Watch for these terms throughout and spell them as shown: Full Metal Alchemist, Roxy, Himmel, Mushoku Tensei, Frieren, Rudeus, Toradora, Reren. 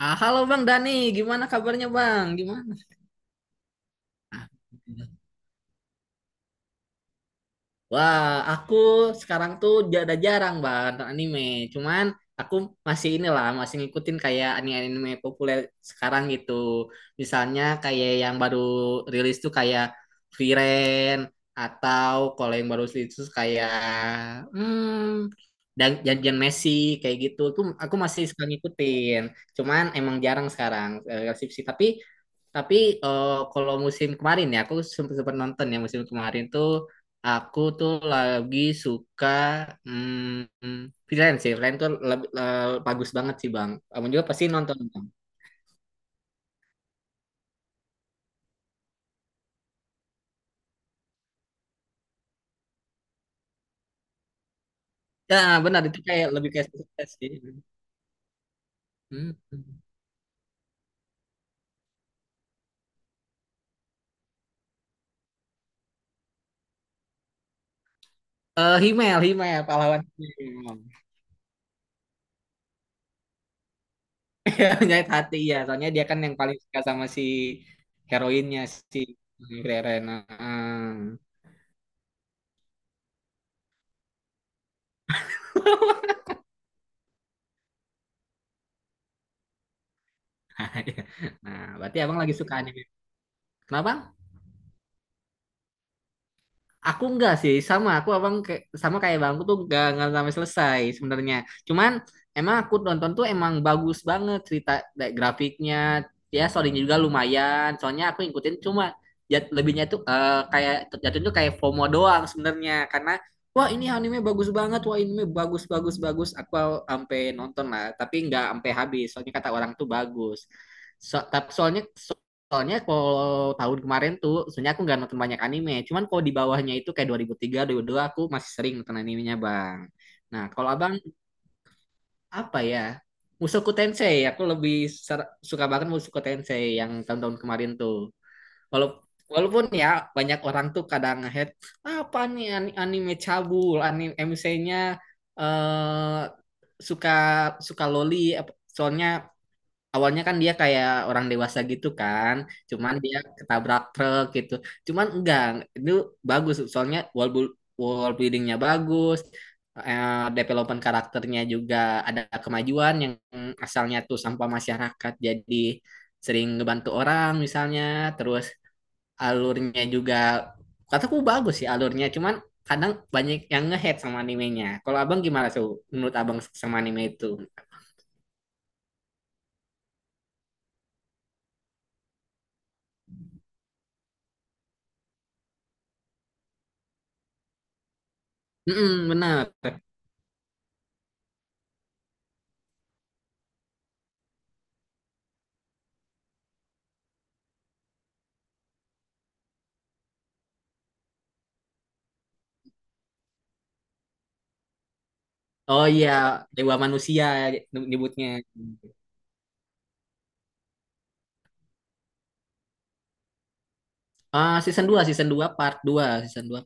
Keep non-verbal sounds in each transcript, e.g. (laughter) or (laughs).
Ah, halo Bang Dani, gimana kabarnya Bang? Gimana? Wah, aku sekarang tuh jarang Bang nonton anime. Cuman aku masih inilah, masih ngikutin kayak anime-anime populer sekarang gitu. Misalnya kayak yang baru rilis tuh kayak Frieren, atau kalau yang baru rilis tuh kayak hmm, dan janjian Messi kayak gitu. Tuh aku masih suka ngikutin. Cuman emang jarang sekarang skripsi. Tapi, kalau musim kemarin ya, aku sempat sempat nonton ya musim kemarin tuh aku tuh lagi suka hmm, freelance sih. Freelance tuh lebih, bagus banget sih Bang. Kamu juga pasti nonton Bang. Ya benar itu kayak lebih kayak sukses sih. Hmm. Himmel, Himmel, pahlawan Himmel. (laughs) Menyayat hati ya, soalnya dia kan yang paling suka sama si heroinnya si Reren. (laughs) Nah, iya. Nah, berarti abang lagi suka anime. Kenapa? Aku enggak sih, sama aku abang kayak sama kayak bangku tuh enggak sampai selesai sebenarnya. Cuman emang aku nonton tuh emang bagus banget cerita grafiknya, ya storynya juga lumayan. Soalnya aku ngikutin cuma lebihnya tuh kayak jatuhnya tuh kayak FOMO doang sebenarnya, karena wah ini anime bagus banget, wah anime bagus bagus bagus. Aku sampai nonton lah, tapi enggak sampai habis. Soalnya kata orang tuh bagus. So, tapi soalnya Soalnya kalau tahun kemarin tuh, sebenarnya aku nggak nonton banyak anime. Cuman kalau di bawahnya itu kayak 2003, 2002, aku masih sering nonton animenya, Bang. Nah, kalau abang, apa ya? Mushoku Tensei, aku lebih suka banget Mushoku Tensei yang tahun-tahun kemarin tuh. Walau- walaupun ya, banyak orang tuh kadang apa nih, anime cabul, anime MC-nya eh suka suka loli, soalnya awalnya kan dia kayak orang dewasa gitu kan, cuman dia ketabrak truk gitu. Cuman enggak, itu bagus soalnya wall buildingnya bagus, eh, development karakternya juga ada kemajuan yang asalnya tuh sampah masyarakat jadi sering ngebantu orang misalnya, terus alurnya juga kataku bagus sih alurnya, cuman kadang banyak yang ngehead sama animenya. Kalau abang gimana tuh, menurut abang sama anime itu? Mm, benar. Oh iya, Dewa Manusia nyebutnya. Ah, season 2 part 2 season dua.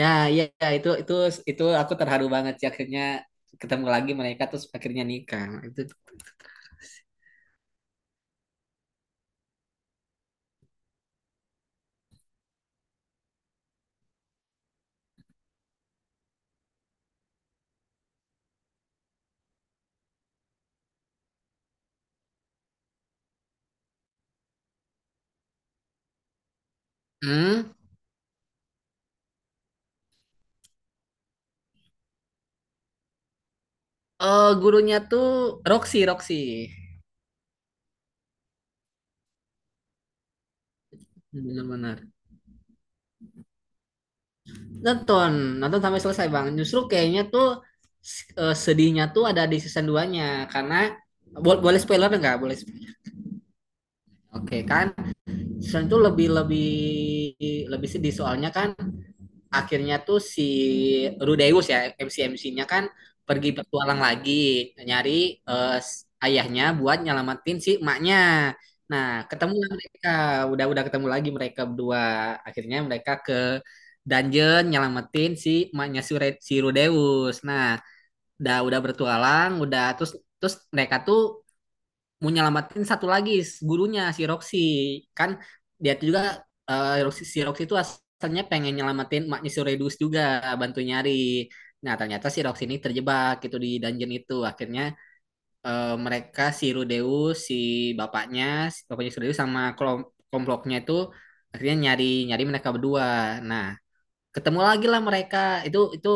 Ya, iya iya, itu aku terharu banget sih akhirnya ketemu lagi mereka terus akhirnya nikah. Itu. Hmm? Oh, gurunya tuh Roxy, Roxy. Benar-benar. Nonton, nonton sampai selesai, Bang. Justru kayaknya tuh sedihnya tuh ada di season duanya karena boleh spoiler nggak? Boleh. Spoiler. Oke, kan? Season itu lebih lebih lebih sedih soalnya kan akhirnya tuh si Rudeus ya MC-MC-nya kan pergi petualang lagi, nyari eh, ayahnya buat nyelamatin si emaknya. Nah, ketemu lah mereka, udah-udah ketemu lagi mereka berdua. Akhirnya mereka ke dungeon nyelamatin si emaknya si Rudeus. Nah, udah bertualang, udah terus, mereka tuh mau nyelamatin satu lagi, gurunya si Roxy kan. Dia tuh juga, Roxy, si Roxy itu asalnya pengen nyelamatin maknya si Redus, juga bantu nyari. Nah, ternyata si Roxy ini terjebak gitu di dungeon itu. Akhirnya, mereka si Rudeus, si bapaknya, si Rudeus sama kelompoknya itu akhirnya nyari nyari mereka berdua. Nah, ketemu lagi lah mereka. itu itu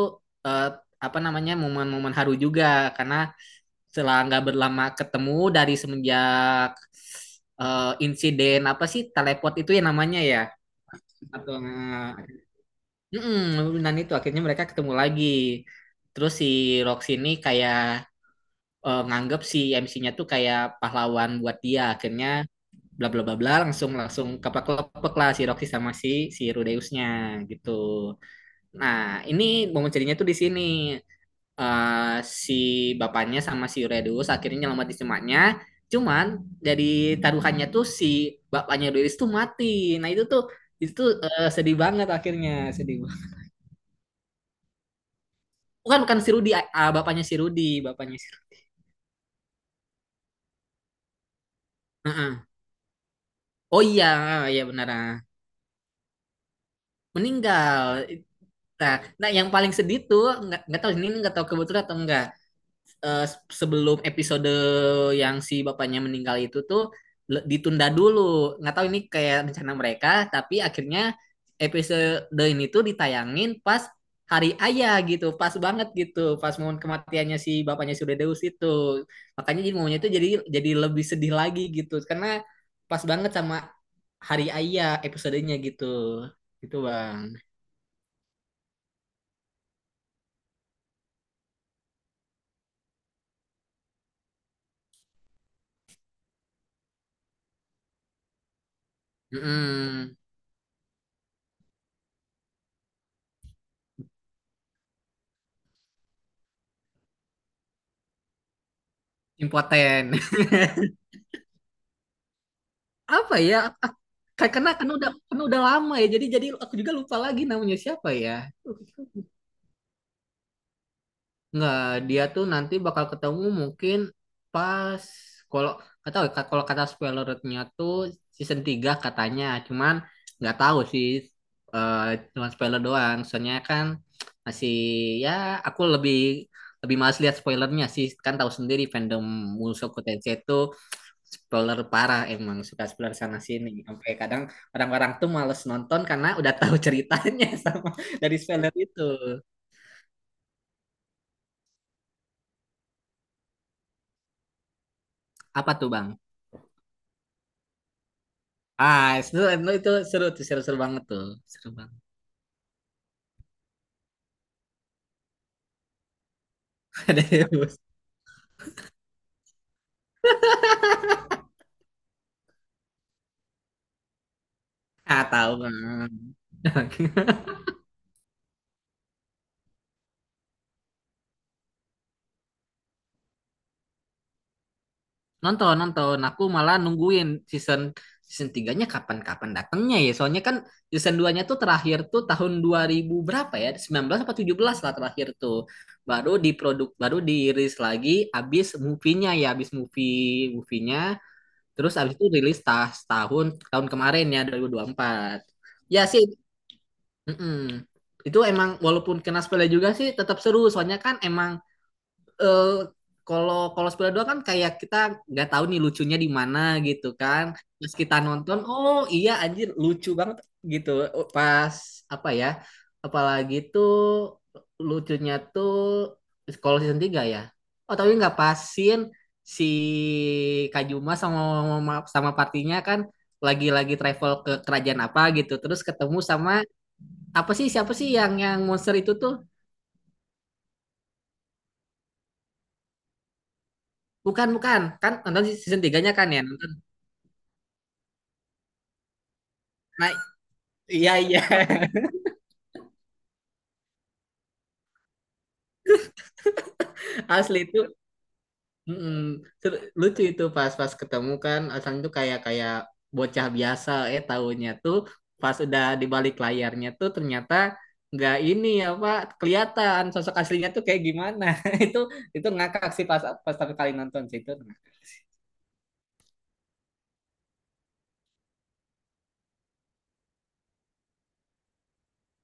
eh, Apa namanya, momen-momen haru juga, karena setelah nggak berlama ketemu dari semenjak insiden, apa sih, teleport itu ya namanya ya, atau mm-mm, dan itu akhirnya mereka ketemu lagi. Terus si Rox ini kayak nganggep si MC-nya tuh kayak pahlawan buat dia, akhirnya bla bla bla bla, langsung langsung keplek-keplek lah si Roxy sama si si Rudeusnya gitu. Nah, ini momen ceritanya tuh di sini, eh, si bapaknya sama si Redus akhirnya nyelamatin si emaknya. Cuman dari taruhannya tuh si bapaknya Redus tuh mati. Nah itu tuh, sedih banget akhirnya, sedih banget. Bukan bukan si Rudy, ah, bapaknya si Rudy, bapaknya si Rudy. Heeh. Oh iya, iya benar. Ah. Meninggal. Nah, nah yang paling sedih tuh nggak tahu, ini nggak tahu kebetulan atau enggak. eh, Sebelum episode yang si bapaknya meninggal itu tuh ditunda dulu. Nggak tahu ini kayak rencana mereka, tapi akhirnya episode ini tuh ditayangin pas hari ayah gitu, pas banget gitu, pas momen kematiannya si bapaknya Deus itu. Makanya jadi momennya itu jadi, lebih sedih lagi gitu, karena pas banget sama hari ayah episodenya gitu. Gitu, Bang. Mm-mm. Impoten. (laughs) Apa ya? Ak- kayak, karena udah lama ya. Jadi, aku juga lupa lagi namanya siapa ya. Nggak, dia tuh nanti bakal ketemu mungkin pas, kalau nggak tahu ya, kalau kata spoilernya tuh season 3 katanya. Cuman nggak tahu sih, eh cuman spoiler doang. Soalnya kan masih ya, aku lebih lebih males lihat spoilernya sih, kan tahu sendiri fandom Mushoku Tensei itu spoiler parah, emang suka spoiler sana sini sampai kadang orang-orang tuh males nonton karena udah tahu ceritanya, (laughs) sama dari spoiler itu. Apa tuh Bang? Ah, itu seru tuh, seru-seru banget tuh, seru banget. (laughs) Ah, tahu Bang. (laughs) Nonton, nonton. Aku malah nungguin season, tiganya kapan-kapan datangnya ya. Soalnya kan season duanya tuh terakhir tuh tahun 2000 berapa ya? 19 apa 17 lah terakhir tuh. Baru diproduk baru dirilis lagi abis movie-nya ya, abis movie-nya. Terus abis itu rilis, tahun tahun kemarin ya, 2024. Ya sih. Mm-mm. Itu emang walaupun kena spoiler juga sih tetap seru. Soalnya kan emang, eh, kalau kalau Spiral 2 kan kayak kita nggak tahu nih lucunya di mana gitu kan. Pas kita nonton, oh iya anjir lucu banget gitu. Pas apa ya? Apalagi tuh lucunya tuh kalau season 3 ya. Oh tapi nggak pasin si Kajuma sama sama partinya kan lagi-lagi travel ke kerajaan apa gitu. Terus ketemu sama, apa sih, siapa sih, yang monster itu tuh? Bukan bukan kan nonton season 3-nya kan ya. Nah, iya iya. (laughs) Asli itu. Mm-mm. Lucu itu pas pas ketemu kan Asan tuh kayak kayak bocah biasa, tahunya tuh pas udah di balik layarnya tuh ternyata nggak, ini apa, kelihatan sosok aslinya tuh kayak gimana. (laughs) Itu, ngakak sih pas pas pertama kali nonton sih itu.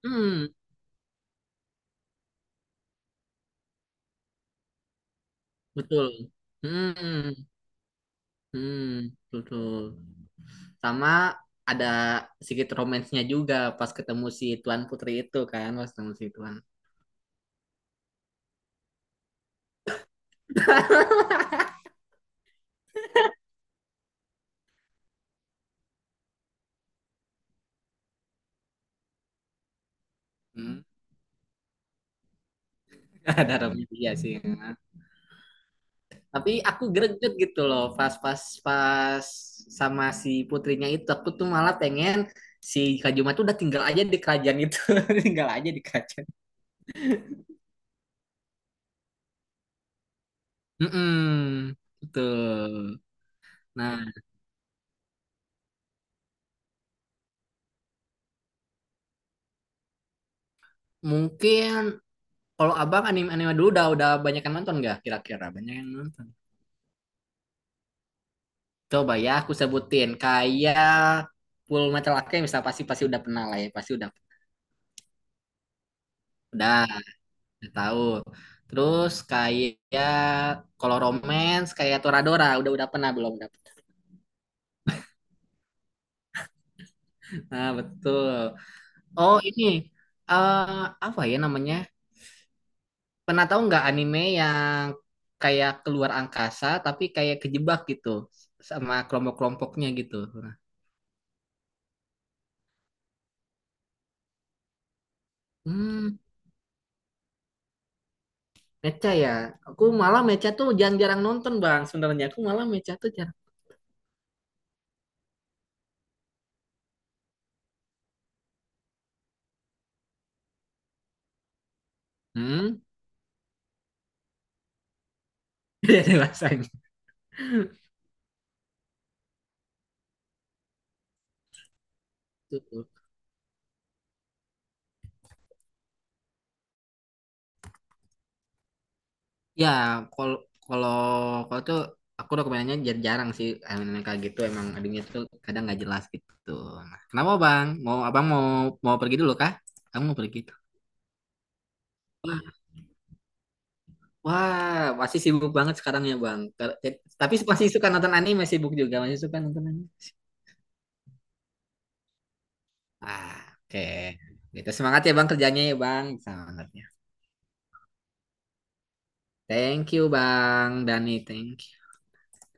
Hmm. Betul. Hmm. Hmm. Betul. Sama, ada sedikit romansnya juga pas ketemu si Tuan Putri itu kan, pas ketemu si Tuan. Hmm. (laughs) Ada Robby iya sih. Tapi aku greget gitu loh pas pas pas sama si putrinya itu. Aku tuh malah pengen si Kak Juma tuh udah tinggal aja di kerajaan itu, (laughs) tinggal aja di kerajaan. Mm-mm, betul. Nah, mungkin kalau Abang anime-anime dulu udah banyak yang nonton gak kira-kira? Banyak yang nonton. Coba ya aku sebutin kayak Full Metal Alchemist pasti pasti udah pernah lah ya, pasti udah udah tahu. Terus kayak kalau romance kayak Toradora udah pernah belum dapet. Nah, betul. Oh, ini, eh apa ya namanya? Pernah tahu nggak anime yang kayak keluar angkasa tapi kayak kejebak gitu sama kelompok-kelompoknya gitu. Nah, hmm, mecha ya. Aku malah mecha tuh jarang-jarang nonton, Bang. Sebenarnya aku malah mecha tuh jarang. Hmm. (laughs) Jadi rasanya. Ya, kalau kalau kalau tuh aku dokumennya jarang sih anime kayak gitu, emang adanya tuh kadang nggak jelas gitu. Nah, kenapa Bang? Mau Abang mau mau pergi dulu kah? Kamu mau pergi tuh. Wah, wah, pasti sibuk banget sekarang ya Bang. Tapi masih suka nonton anime sibuk juga, masih suka nonton anime. Ah, oke. Gitu semangat ya Bang kerjanya ya Bang, semangatnya. Thank you Bang Dani, thank